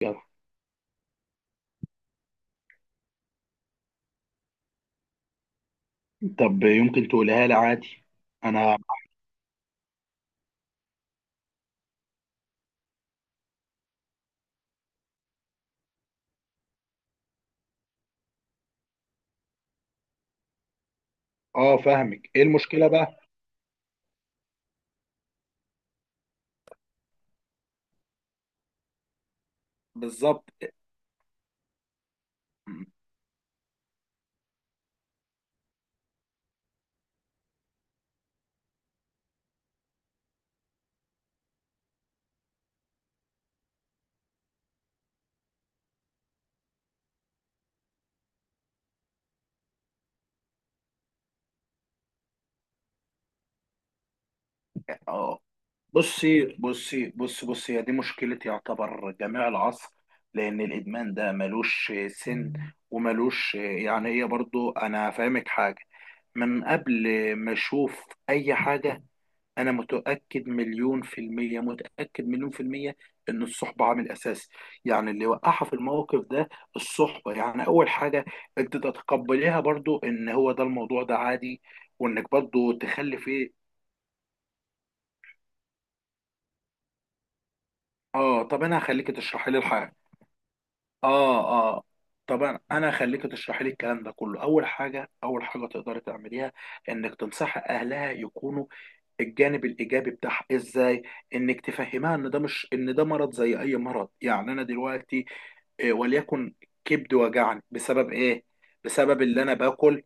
يلا. طب يمكن تقولها لي عادي. انا اه فاهمك، ايه المشكله بقى؟ بالظبط. اه بصي بصي بصي بصي، هي دي مشكله يعتبر جميع العصر، لان الادمان ده ملوش سن وملوش، يعني هي برضو انا فاهمك حاجه من قبل ما اشوف اي حاجه. انا متاكد مليون في الميه، متاكد مليون في الميه ان الصحبه عامل اساسي، يعني اللي وقعها في الموقف ده الصحبه، يعني اول حاجه انت تتقبليها برضو ان هو ده، الموضوع ده عادي، وانك برضو تخلي فيه. اه، طب انا هخليك تشرحي لي الحاجه. اه. اه، طبعا انا هخليك تشرحي لي الكلام ده كله. اول حاجه، اول حاجه تقدري تعمليها انك تنصحي اهلها يكونوا الجانب الايجابي بتاعها ازاي. انك تفهمها ان ده مش، ان ده مرض زي اي مرض. يعني انا دلوقتي، وليكن كبد وجعني بسبب ايه؟ بسبب اللي انا باكل.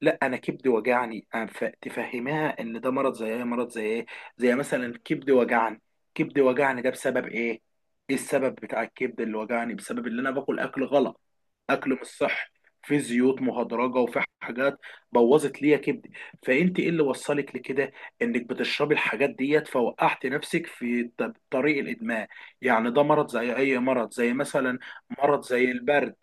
لا، انا كبدي وجعني أنا تفهمها ان ده مرض زي ايه، مرض زي ايه. زي مثلا كبدي وجعني، ده بسبب ايه؟ ايه السبب بتاع الكبد اللي وجعني؟ بسبب ان انا باكل اكل غلط، اكل مش صح، في زيوت مهدرجه وفي حاجات بوظت ليا كبدي. فانت ايه اللي وصلك لكده؟ انك بتشربي الحاجات ديت فوقعت نفسك في طريق الادمان. يعني ده مرض زي اي مرض، زي مثلا مرض زي البرد.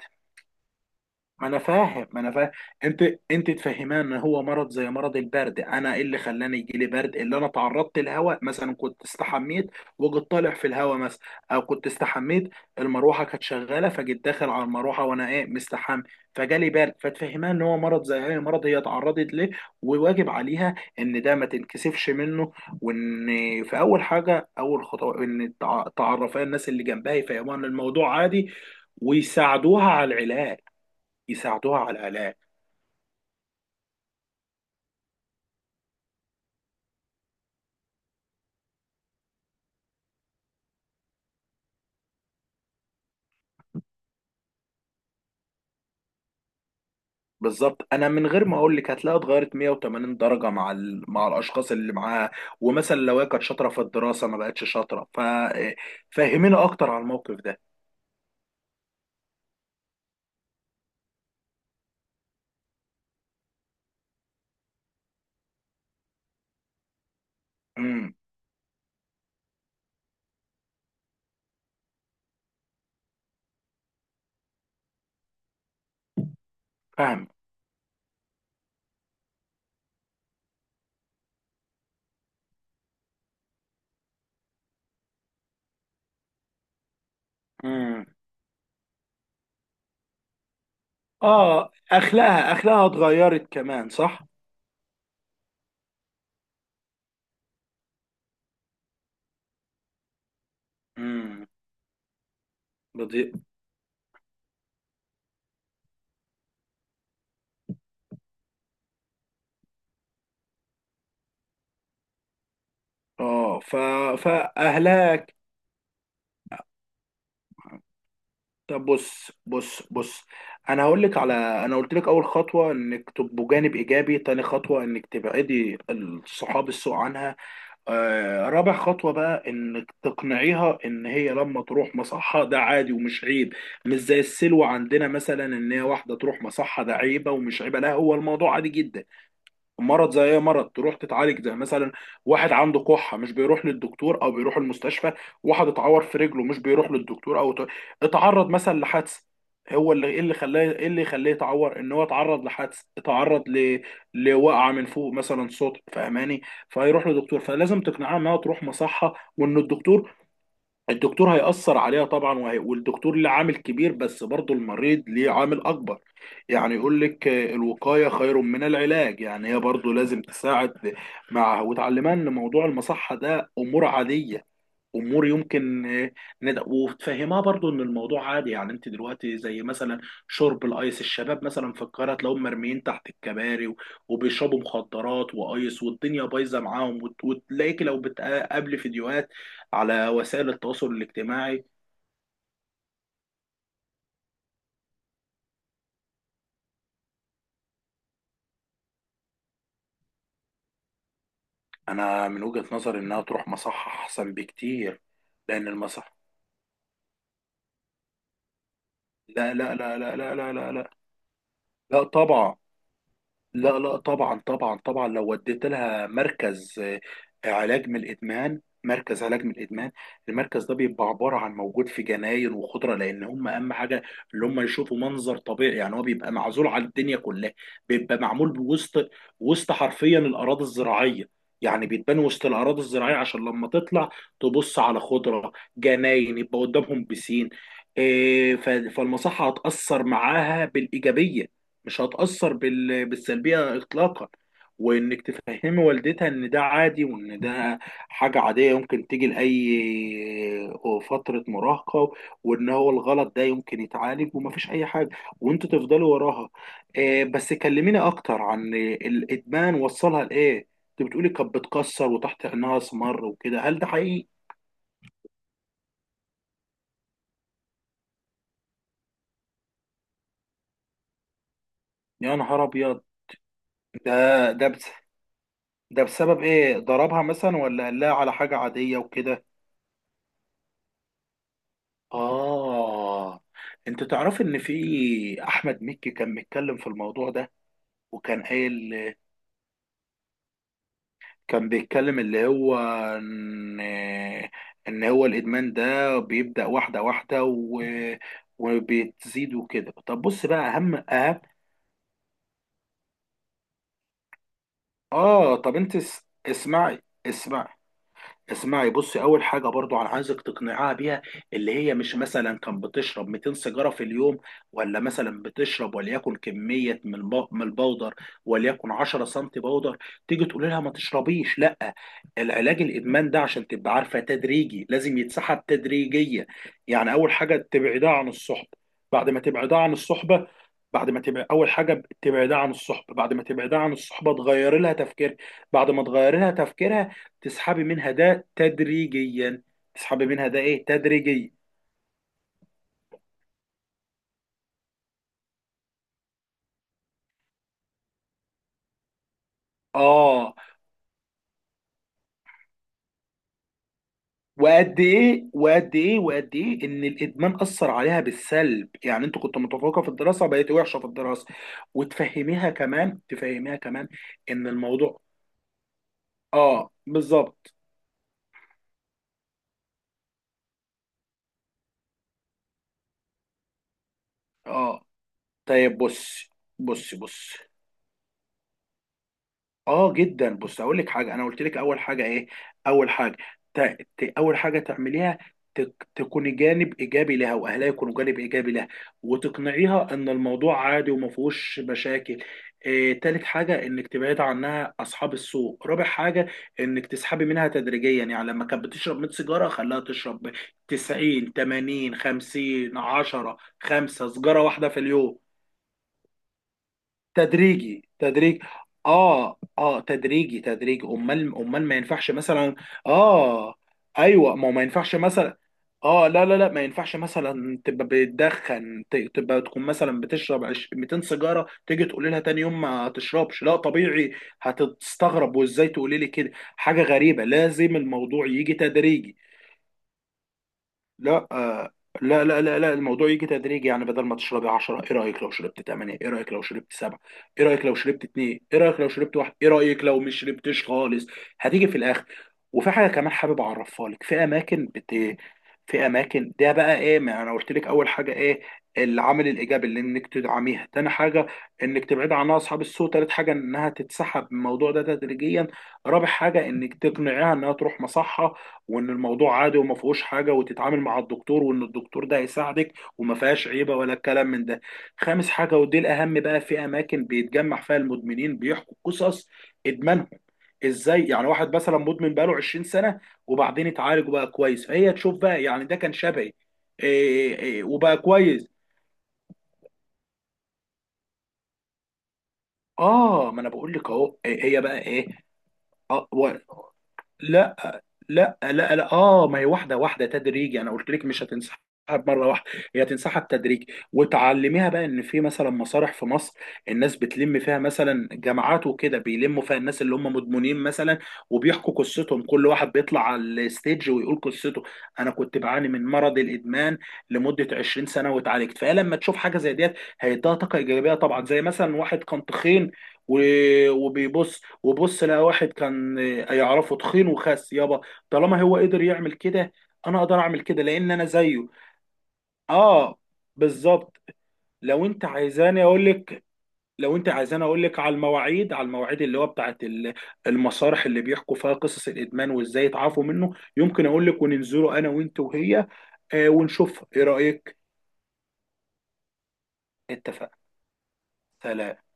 ما انا فاهم ما انا فاهم انت، انت تفهمان ان هو مرض زي مرض البرد. انا ايه اللي خلاني يجي لي برد؟ اللي انا تعرضت للهواء، مثلا كنت استحميت وجيت طالع في الهواء مثلا، او كنت استحميت المروحه كانت شغاله فجيت داخل على المروحه وانا ايه مستحمي، فجالي برد. فتفهمان ان هو مرض زي اي مرض هي اتعرضت ليه، وواجب عليها ان ده ما تنكسفش منه. وان في اول حاجه، اول خطوه ان تعرفها الناس اللي جنبها يفهموها ان الموضوع عادي، ويساعدوها على العلاج، يساعدوها على العلاج بالظبط. انا من غير ما اقول لك هتلاقيها اتغيرت 180 درجه مع مع الاشخاص اللي معاها. ومثلا لو هي كانت شاطره في الدراسه ما بقتش شاطره، فهمينا اكتر على الموقف ده. امم. فاهم. امم. اه، اخلاقها، اتغيرت كمان، صح. امم. بدي، اه، ف، فاهلاك. طب بص، انا هقول لك على، انا قلت لك اول خطوه انك تبقوا جانب ايجابي، تاني خطوه انك تبعدي الصحاب السوء عنها. رابع خطوة بقى انك تقنعيها ان هي لما تروح مصحة ده عادي ومش عيب. مش زي السلوة عندنا مثلا ان هي واحدة تروح مصحة ده عيبة، ومش عيبة، لا هو الموضوع عادي جدا. مرض زي اي مرض، تروح تتعالج زي مثلا واحد عنده كحه، مش بيروح للدكتور او بيروح المستشفى؟ واحد اتعور في رجله مش بيروح للدكتور؟ او اتعرض مثلا لحادثه، هو اللي ايه، اللي خلاه، ايه اللي يخليه يتعور؟ ان هو اتعرض لحادث، اتعرض لوقعه من فوق مثلا، صوت، فاهماني؟ فهيروح لدكتور. فلازم تقنعها انها تروح مصحه، وان الدكتور هيأثر عليها طبعا، والدكتور له عامل كبير، بس برضه المريض ليه عامل أكبر. يعني يقول لك الوقاية خير من العلاج. يعني هي برضه لازم تساعد مع، وتعلمنا إن موضوع المصحة ده أمور عادية، امور يمكن وتفهمها برضو ان الموضوع عادي. يعني انت دلوقتي زي مثلا شرب الايس، الشباب مثلا في القاهره تلاقيهم مرميين تحت الكباري وبيشربوا مخدرات وايس والدنيا بايظه معاهم، وتلاقيك لو بتقابلي فيديوهات على وسائل التواصل الاجتماعي. انا من وجهه نظري انها تروح مصحه احسن بكتير. لان المصح لا لا لا لا لا لا لا لا. لا طبعا، لا لا طبعا طبعا طبعا. لو وديت لها مركز، علاج من الادمان، المركز ده بيبقى عباره عن موجود في جناين وخضره، لان هم اهم حاجه اللي هم يشوفوا منظر طبيعي. يعني هو بيبقى معزول عن الدنيا كلها، بيبقى معمول بوسط، وسط حرفيا الاراضي الزراعيه. يعني بيتبان وسط الاراضي الزراعيه عشان لما تطلع تبص على خضره، جناين، يبقى قدامهم بسين. فالمصحه هتاثر معاها بالايجابيه، مش هتأثر بالسلبية إطلاقا. وإنك تفهمي والدتها إن ده عادي، وإن ده حاجة عادية يمكن تيجي لأي فترة مراهقة، وإن هو الغلط ده يمكن يتعالج ومفيش أي حاجة. وأنتوا تفضلوا وراها. بس كلميني أكتر عن الإدمان، وصلها لإيه؟ أنت بتقولي كانت بتكسر، وتحت عينها أسمر وكده، هل ده حقيقي؟ يا نهار أبيض. ده ده بس ده بسبب إيه؟ ضربها مثلا، ولا قال لها على حاجة عادية وكده؟ آه. أنت تعرف إن في أحمد مكي كان بيتكلم في الموضوع ده، وكان قايل، كان بيتكلم اللي هو إن إن هو الإدمان ده بيبدأ واحدة واحدة وبتزيد وكده. طب بص بقى، أهم. آه، طب أنت اسمعي، اسمعي، بصي، اول حاجه برضو انا عايزك تقنعها بيها، اللي هي مش مثلا كان بتشرب 200 سيجاره في اليوم، ولا مثلا بتشرب وليكن كميه من من البودر، وليكن 10 سم بودر، تيجي تقول لها ما تشربيش، لا. العلاج الادمان ده عشان تبقى عارفه تدريجي، لازم يتسحب تدريجيا. يعني اول حاجه تبعدها عن الصحبه، بعد ما تبعدها عن الصحبه بعد ما تبعد اول حاجه تبعدها عن الصحبه، بعد ما تبعدها عن الصحبه تغير لها تفكير، بعد ما تغير لها تفكيرها، تسحبي منها ده تدريجيا، تسحبي منها ده ايه تدريجيا. اه، وقد ايه ان الادمان اثر عليها بالسلب. يعني انت كنت متفوقه في الدراسه بقيت وحشه في الدراسه. وتفهميها كمان تفهميها كمان ان الموضوع، اه بالظبط. اه، طيب بصي، بصي اه جدا. بص، اقول لك حاجه، انا قلت لك اول حاجه ايه، اول حاجه، ت... اول حاجه تعمليها، تكوني جانب ايجابي لها، واهلها يكونوا جانب ايجابي لها، وتقنعيها ان الموضوع عادي وما فيهوش مشاكل. تالت حاجه انك تبعد عنها اصحاب السوء. رابع حاجه انك تسحبي منها تدريجيا، يعني لما كانت بتشرب 100 سيجاره خليها تشرب 90 80 50 10 5 سيجاره واحده في اليوم، تدريجي تدريج. اه. اه، تدريجي تدريج. امال، امال ما ينفعش مثلا. اه. ايوه، ما هو ما ينفعش مثلا. اه لا لا لا. ما ينفعش مثلا تبقى بتدخن، تبقى تكون مثلا بتشرب 200 سيجاره، تيجي تقولي لها تاني يوم ما تشربش، لا طبيعي هتستغرب، وازاي تقولي لي كده، حاجه غريبه. لازم الموضوع يجي تدريجي. لا لا لا لا لا. الموضوع يجي تدريجي، يعني بدل ما تشربي 10 ايه رايك لو شربت 8، ايه رايك لو شربت 7، ايه رايك لو شربت 2، ايه رايك لو شربت 1، ايه رايك لو مش شربتش خالص؟ هتيجي في الاخر. وفي حاجه كمان حابب اعرفها لك، في اماكن في اماكن، ده بقى ايه، ما انا قلت لك اول حاجه ايه، العامل الايجابي اللي انك تدعميها. تاني حاجه انك تبعد عنها اصحاب السوء. تالت حاجه انها تتسحب من الموضوع ده تدريجيا. رابع حاجه انك تقنعيها انها تروح مصحه، وان الموضوع عادي وما فيهوش حاجه، وتتعامل مع الدكتور، وان الدكتور ده هيساعدك، وما فيهاش عيبه ولا الكلام من ده. خامس حاجه ودي الاهم بقى، في اماكن بيتجمع فيها المدمنين بيحكوا قصص ادمانهم، ازاي يعني واحد مثلا مدمن بقاله 20 سنه، وبعدين اتعالج وبقى كويس، فهي تشوف بقى يعني ده كان شبهي، إيه إيه وبقى كويس. اه، ما انا بقول لك اهو، إيه هي بقى ايه. آه و... لا لا، اه، ما هي واحده واحده تدريجي، انا قلت لك مش هتنسحب مره واحده، هي هتنسحب تدريجي. وتعلميها بقى ان في مثلا مسارح في مصر، الناس بتلم فيها مثلا جماعات وكده، بيلموا فيها الناس اللي هم مدمنين مثلا، وبيحكوا قصتهم، كل واحد بيطلع على الستيج ويقول قصته، انا كنت بعاني من مرض الادمان لمده 20 سنه واتعالجت. فهي لما تشوف حاجه زي ديت هيديها طاقه ايجابيه طبعا. زي مثلا واحد كان تخين، وبيبص، وبص لقى واحد كان يعرفه تخين وخس، يابا، طالما هو قدر يعمل كده، انا اقدر اعمل كده لان انا زيه. اه بالظبط. لو انت عايزاني اقول لك، لو انت عايزاني اقول لك على المواعيد، على المواعيد اللي هو بتاعت المسارح اللي بيحكوا فيها قصص الادمان وازاي يتعافوا منه، يمكن اقول لك وننزله انا وانت وهي. آه، ونشوف ايه رايك. اتفقنا. سلام.